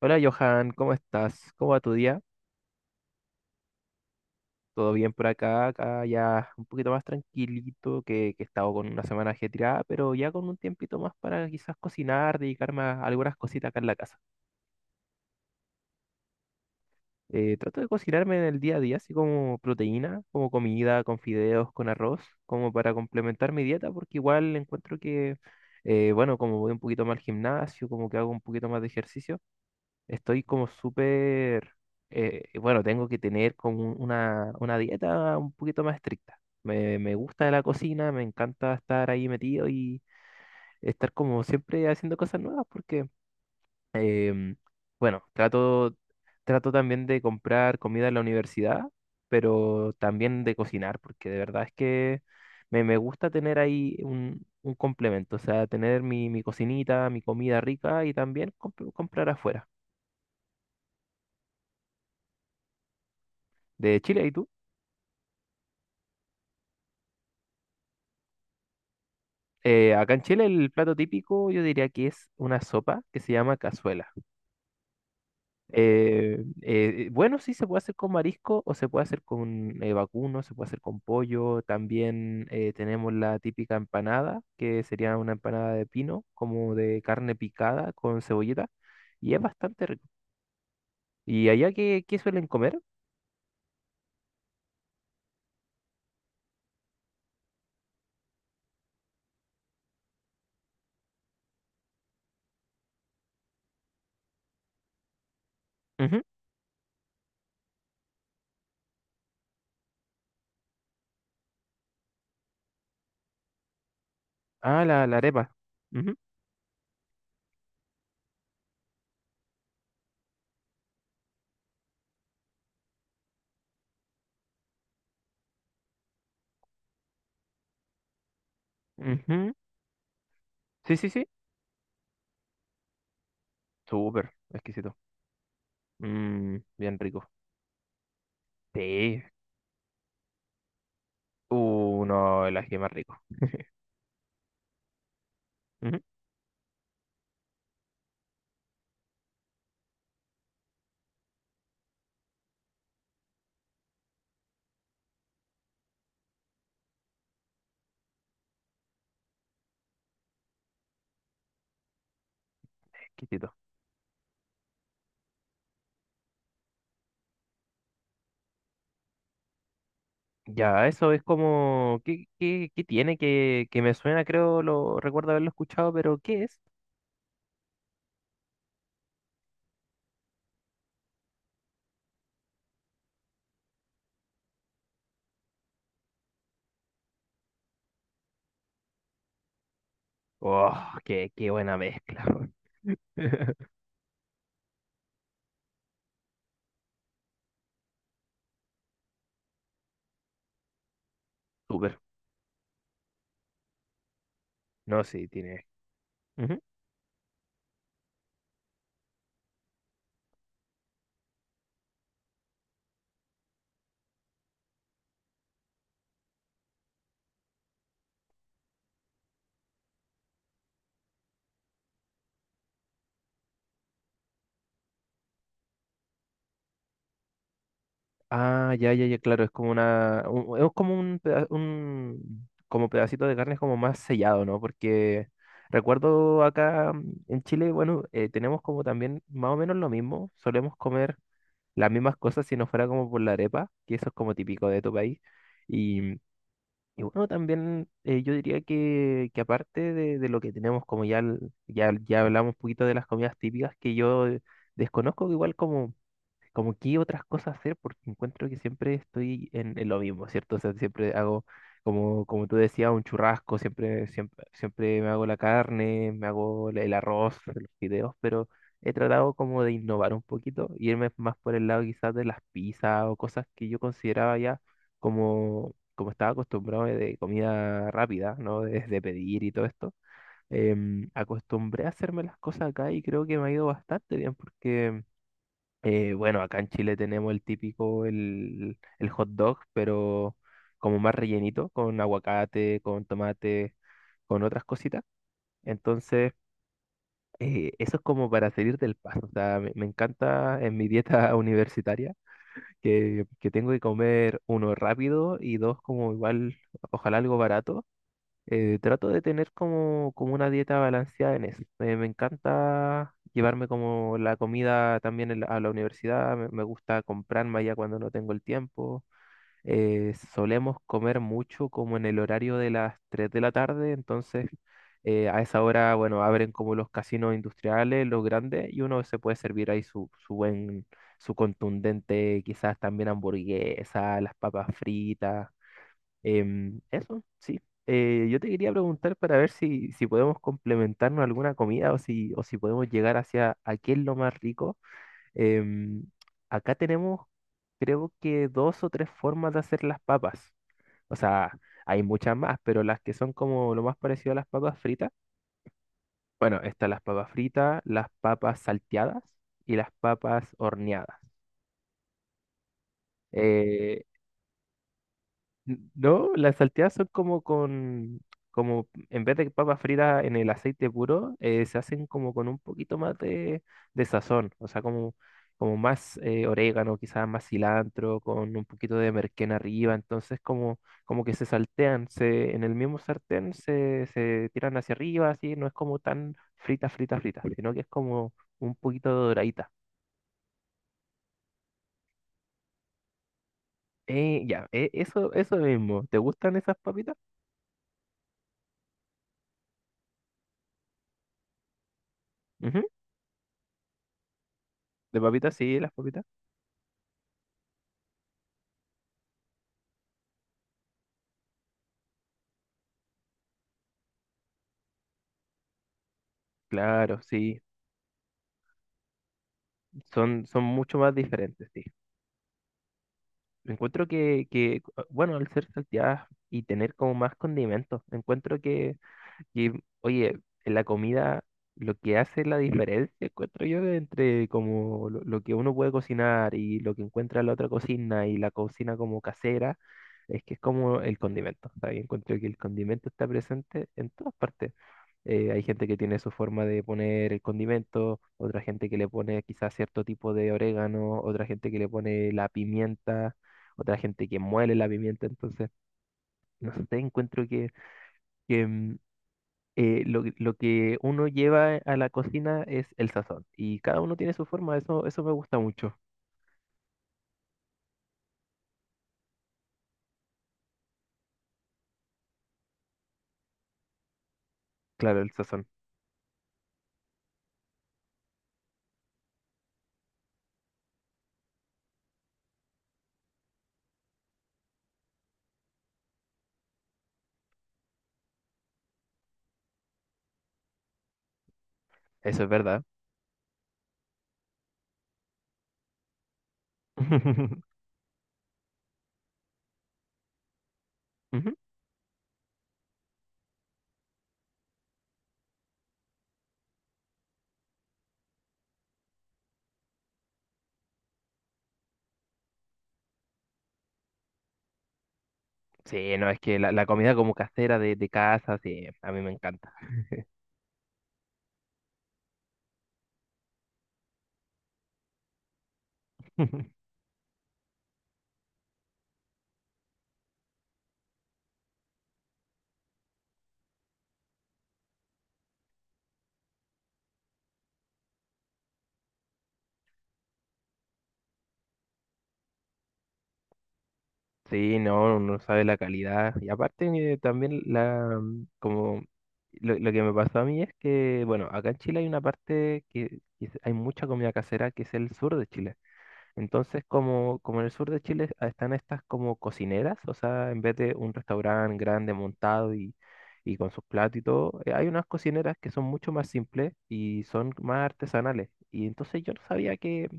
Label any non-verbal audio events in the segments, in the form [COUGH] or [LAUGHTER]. Hola Johan, ¿cómo estás? ¿Cómo va tu día? ¿Todo bien por acá? Acá ya un poquito más tranquilito, que he estado con una semana ajetreada, pero ya con un tiempito más para quizás cocinar, dedicarme a algunas cositas acá en la casa. Trato de cocinarme en el día a día, así como proteína, como comida, con fideos, con arroz, como para complementar mi dieta, porque igual encuentro que, bueno, como voy un poquito más al gimnasio, como que hago un poquito más de ejercicio. Estoy como súper, bueno, tengo que tener como una dieta un poquito más estricta. Me gusta la cocina, me encanta estar ahí metido y estar como siempre haciendo cosas nuevas porque, em, bueno, trato, trato también de comprar comida en la universidad, pero también de cocinar porque de verdad es que me gusta tener ahí un complemento, o sea, tener mi cocinita, mi comida rica y también comprar afuera. De Chile, ¿y tú? Acá en Chile el plato típico yo diría que es una sopa que se llama cazuela. Bueno, sí se puede hacer con marisco o se puede hacer con vacuno, se puede hacer con pollo. También tenemos la típica empanada, que sería una empanada de pino, como de carne picada con cebollita. Y es bastante rico. ¿Y allá qué suelen comer? Ujú. Ah, la arepa. Ujú, ujú. Sí, sí, sí. Súper, exquisito. Mm, bien rico. Sí. No, el ají es más rico. Ujú, exquisito. Ya, eso es como... ¿Qué, qué, qué tiene que me suena? Creo lo recuerdo haberlo escuchado, pero ¿qué es? Oh, qué buena mezcla. [LAUGHS] Weón. Súper. No, sí, tiene. Ujú. Ah, ya, ya, ya, claro, es como una... es como un, un como pedacito de carne como más sellado, ¿no? Porque recuerdo acá mm, en Chile, bueno, tenemos como también más o menos lo mismo. Solemos comer las mismas cosas si no fuera como por la arepa, que eso es como típico de tu país. Y, y bueno, también yo diría que aparte de lo que tenemos, como ya, ya, ya hablamos un poquito de las comidas típicas que yo desconozco, que igual como... como qué otras cosas hacer, porque encuentro que siempre estoy en lo mismo, ¿cierto? O sea, siempre hago, como, como tú decías, un churrasco, siempre, siempre, siempre me hago la carne, me hago el arroz, [LAUGHS] los fideos, pero he tratado como de innovar un poquito, irme más por el lado quizás de las pizzas o cosas que yo consideraba ya como, como estaba acostumbrado de comida rápida, ¿no? De pedir y todo esto. Acostumbré a hacerme las cosas acá y creo que me ha ido bastante bien porque bueno, acá en Chile tenemos el típico, el hot dog, pero como más rellenito, con aguacate, con tomate, con otras cositas. Entonces, eso es como para salir del paso. O sea, me encanta en mi dieta [LAUGHS] universitaria que tengo que comer, uno, rápido y dos, como igual, ojalá algo barato. Trato de tener como, como una dieta balanceada en eso. Me encanta llevarme como la comida también en a la universidad, me gusta comprarme allá cuando no tengo el tiempo. Solemos comer mucho como en el horario de las 3 de la tarde, entonces a esa hora, bueno, abren como los casinos industriales, los grandes, y uno se puede servir ahí su buen, su contundente, quizás también hamburguesa, las papas fritas. Eso, sí. Yo te quería preguntar para ver si podemos complementarnos alguna comida o si podemos llegar hacia a qué es lo más rico. Em, Acá tenemos, creo que dos o tres formas de hacer las papas. O sea, hay muchas más, pero las que son como lo más parecido a las papas fritas. Bueno, están las papas fritas, las papas salteadas y las papas horneadas. Eh, No, las salteadas son como con, como en vez de papas fritas en el aceite puro, se hacen como con un poquito más de sazón, o sea, como, como más orégano, quizás más cilantro, con un poquito de merquén arriba, entonces como, como que se saltean, se, en el mismo sartén se tiran hacia arriba, así, no es como tan frita, sino que es como un poquito doradita. Ya, eso, eso mismo, ¿te gustan esas papitas? Ujú. De papitas, sí, las papitas. Claro, sí, son, son mucho más diferentes, sí. Encuentro que, bueno, al ser salteadas y tener como más condimentos, que, oye, en la comida lo que hace la diferencia, encuentro yo, entre como lo que uno puede cocinar y lo que encuentra en la otra cocina y la cocina como casera, es que es como el condimento, ¿sabes? Encuentro que el condimento está presente en todas partes. Hay gente que tiene su forma de poner el condimento, otra gente que le pone quizás cierto tipo de orégano, otra gente que le pone la pimienta, otra gente que muele la pimienta. Entonces, no sé, encuentro que, mm, lo que uno lleva a la cocina es el sazón. Y cada uno tiene su forma, eso me gusta mucho. Claro, el sazón. Eso es verdad. [LAUGHS] Ujú. Sí, no, es que la comida como casera de casa, sí, a mí me encanta. [LAUGHS] Sí, no, uno sabe la calidad. Y aparte también la mm, como lo que me pasó a mí es que, bueno, acá en Chile hay una parte hay mucha comida casera que es el sur de Chile. Entonces, como, como en el sur de Chile ah, están estas como cocineras, o sea, en vez de un restaurante grande montado y con sus platos y todo, hay unas cocineras que son mucho más simples y son más artesanales. Y entonces yo no sabía que,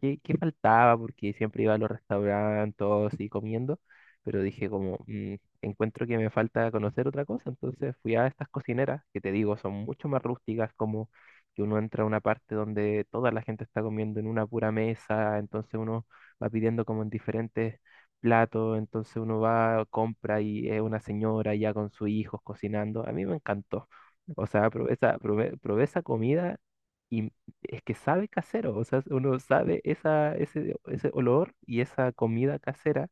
qué, qué faltaba, porque siempre iba a los restaurantes y comiendo, pero dije como, "Mm, encuentro que me falta conocer otra cosa", entonces fui a estas cocineras, que te digo, son mucho más rústicas, como que uno entra a una parte donde toda la gente está comiendo en una pura mesa, entonces uno va pidiendo como en diferentes platos, entonces uno va, compra y es una señora ya con sus hijos cocinando, a mí me encantó. O sea, probé esa comida, es que sabe casero, o sea, uno sabe esa, ese olor y esa comida casera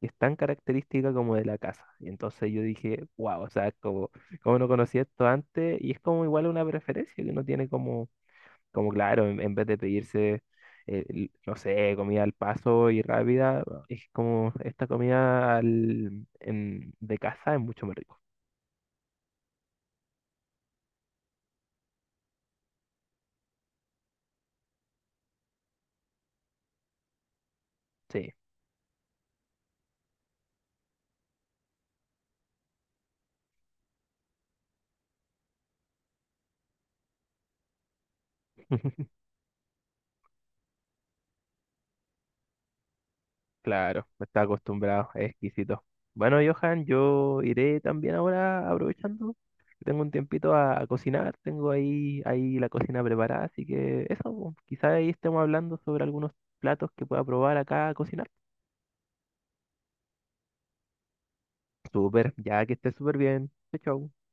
que es tan característica como de la casa. Y entonces yo dije, wow, o sea, como, como no conocía esto antes, y es como igual una preferencia que uno tiene como, como claro, en vez de pedirse, no sé, comida al paso y rápida, es como esta comida de casa es mucho más rico. Sí. [LAUGHS] Claro, está acostumbrado, es exquisito. Bueno, Johan, yo iré también ahora aprovechando que tengo un tiempito a cocinar, tengo ahí, ahí la cocina preparada, así que eso, pues, quizá ahí estemos hablando sobre algunos platos que pueda probar acá a cocinar. Súper, ya que esté súper bien. Chau, chau.